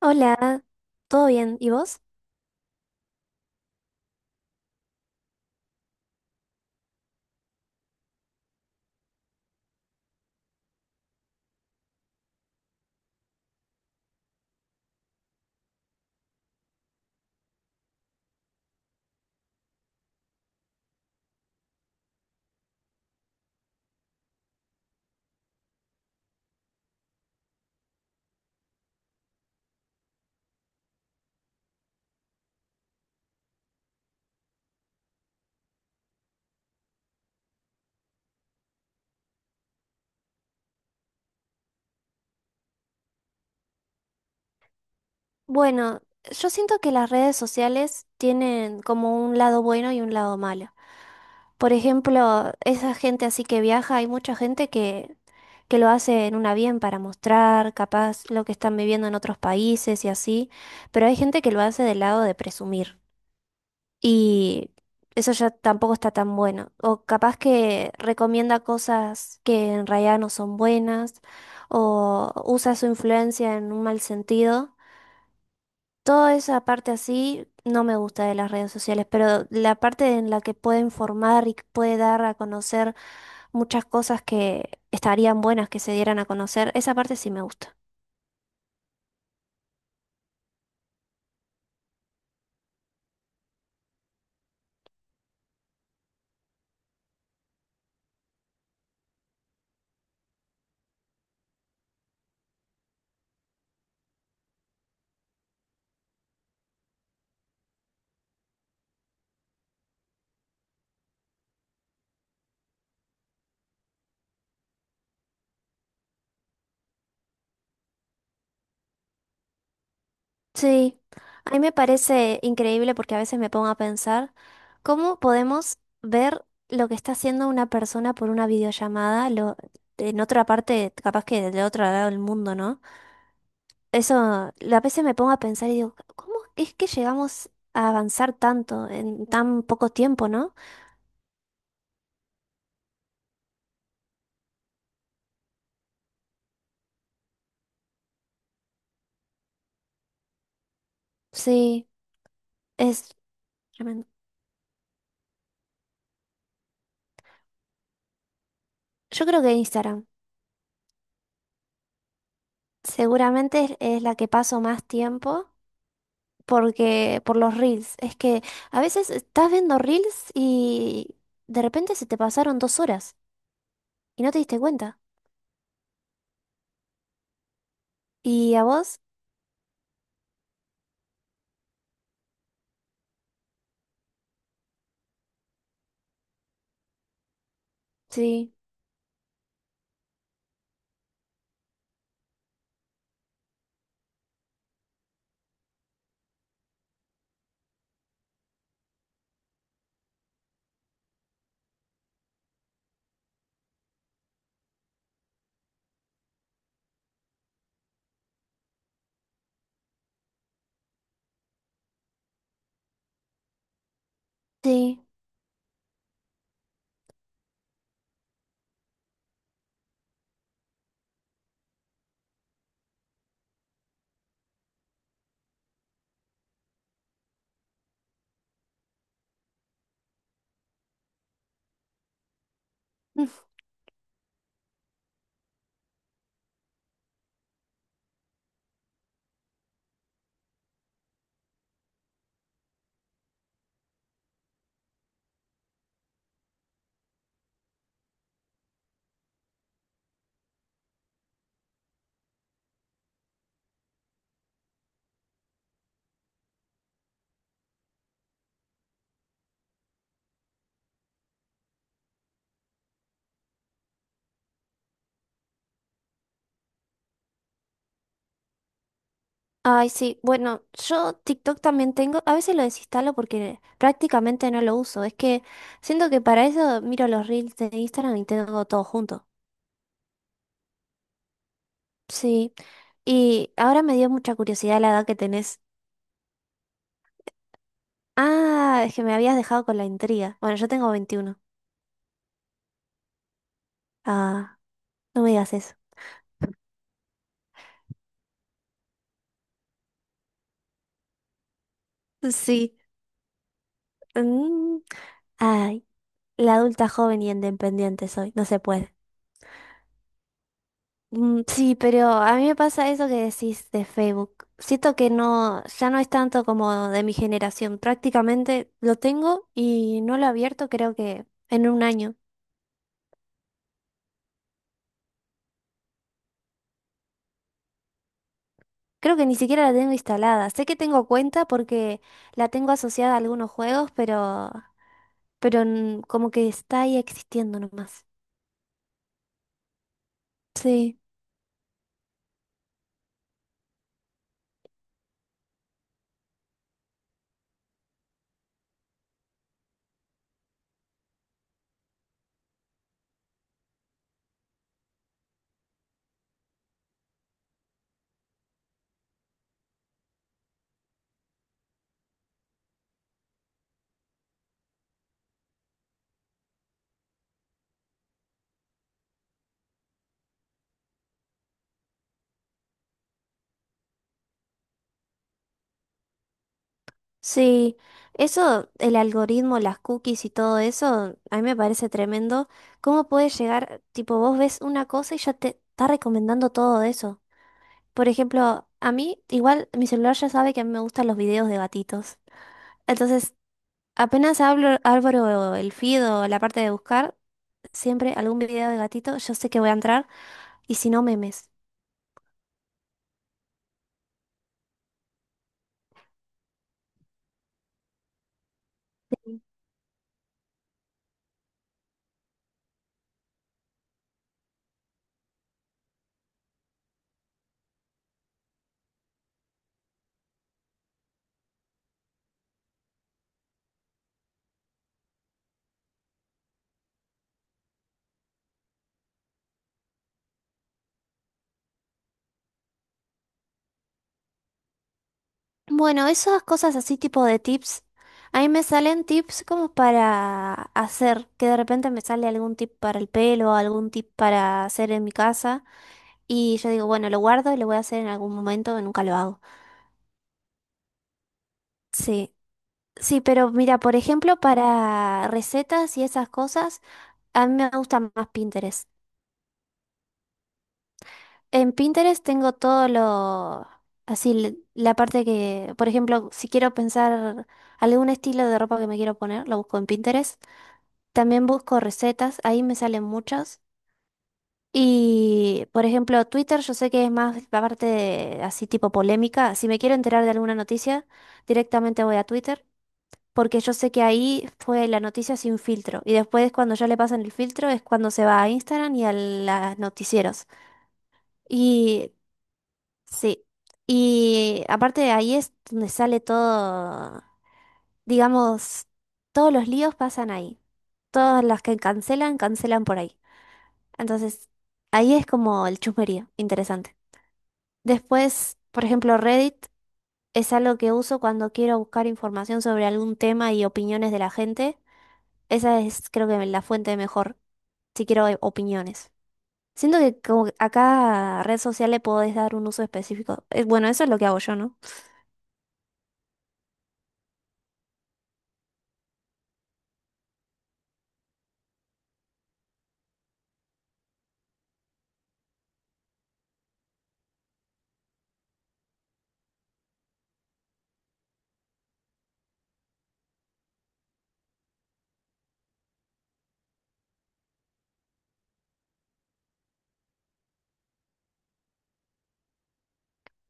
Hola, ¿todo bien? ¿Y vos? Bueno, yo siento que las redes sociales tienen como un lado bueno y un lado malo. Por ejemplo, esa gente así que viaja, hay mucha gente que lo hace en un avión para mostrar, capaz, lo que están viviendo en otros países y así, pero hay gente que lo hace del lado de presumir. Y eso ya tampoco está tan bueno. O capaz que recomienda cosas que en realidad no son buenas, o usa su influencia en un mal sentido. Toda esa parte así no me gusta de las redes sociales, pero la parte en la que puede informar y que puede dar a conocer muchas cosas que estarían buenas que se dieran a conocer, esa parte sí me gusta. Sí, a mí me parece increíble porque a veces me pongo a pensar cómo podemos ver lo que está haciendo una persona por una videollamada lo, en otra parte, capaz que del otro lado del mundo, ¿no? Eso, a veces me pongo a pensar y digo, ¿cómo es que llegamos a avanzar tanto en tan poco tiempo, no? Sí, es tremendo. Yo creo que Instagram seguramente es la que paso más tiempo. Porque por los reels. Es que a veces estás viendo reels y de repente se te pasaron 2 horas y no te diste cuenta. ¿Y a vos? Sí, sí. Mm. Ay, sí. Bueno, yo TikTok también tengo. A veces lo desinstalo porque prácticamente no lo uso. Es que siento que para eso miro los reels de Instagram y tengo todo junto. Sí. Y ahora me dio mucha curiosidad la edad que tenés. Ah, es que me habías dejado con la intriga. Bueno, yo tengo 21. Ah, no me digas eso. Sí. Mm. Ay, la adulta joven y independiente soy, no se puede. Mm, sí, pero a mí me pasa eso que decís de Facebook. Siento que no, ya no es tanto como de mi generación. Prácticamente lo tengo y no lo he abierto creo que en un año. Creo que ni siquiera la tengo instalada. Sé que tengo cuenta porque la tengo asociada a algunos juegos, pero como que está ahí existiendo nomás. Sí. Sí, eso, el algoritmo, las cookies y todo eso, a mí me parece tremendo. ¿Cómo puedes llegar, tipo, vos ves una cosa y ya te está recomendando todo eso? Por ejemplo, a mí, igual mi celular ya sabe que a mí me gustan los videos de gatitos. Entonces, apenas abro el feed o la parte de buscar, siempre algún video de gatito, yo sé que voy a entrar y si no, memes. Bueno, esas cosas así tipo de tips, a mí me salen tips como para hacer, que de repente me sale algún tip para el pelo, algún tip para hacer en mi casa y yo digo, bueno, lo guardo y lo voy a hacer en algún momento, nunca lo hago. Sí, sí, pero mira, por ejemplo, para recetas y esas cosas, a mí me gusta más Pinterest. En Pinterest tengo todo lo, así, la parte que, por ejemplo, si quiero pensar algún estilo de ropa que me quiero poner, lo busco en Pinterest. También busco recetas, ahí me salen muchas. Y, por ejemplo, Twitter yo sé que es más así tipo polémica. Si me quiero enterar de alguna noticia, directamente voy a Twitter, porque yo sé que ahí fue la noticia sin filtro. Y después cuando ya le pasan el filtro es cuando se va a Instagram y a los noticieros. Y sí. Y aparte de ahí es donde sale todo, digamos, todos los líos pasan ahí. Todas las que cancelan, cancelan por ahí. Entonces, ahí es como el chusmerío, interesante. Después, por ejemplo, Reddit es algo que uso cuando quiero buscar información sobre algún tema y opiniones de la gente. Esa es, creo que, la fuente mejor, si quiero opiniones. Siento que como que a cada red social le podés dar un uso específico. Bueno, eso es lo que hago yo, ¿no?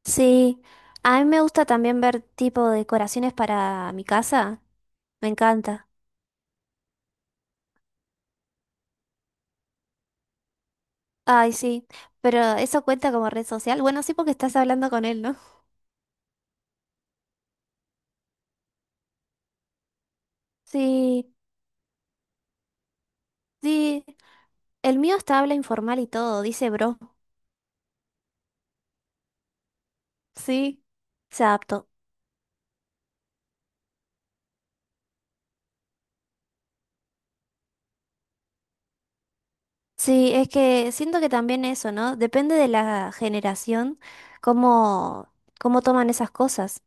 Sí, a mí me gusta también ver tipo decoraciones para mi casa. Me encanta. Ay, sí. Pero eso cuenta como red social. Bueno, sí, porque estás hablando con él, ¿no? Sí. Sí, el mío está habla informal y todo, dice bro. Sí, se adaptó. Sí, es que siento que también eso, ¿no? Depende de la generación, cómo, cómo toman esas cosas.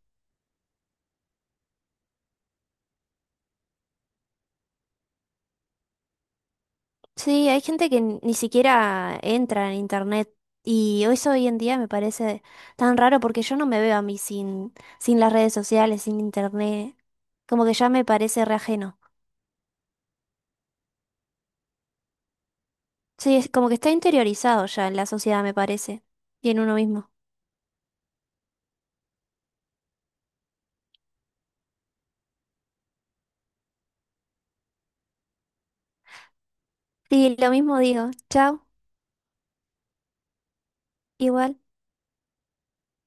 Sí, hay gente que ni siquiera entra en internet y eso hoy en día me parece tan raro porque yo no me veo a mí sin, sin las redes sociales, sin internet. Como que ya me parece re ajeno. Sí, es como que está interiorizado ya en la sociedad, me parece. Y en uno mismo. Sí, lo mismo digo. Chao. Igual.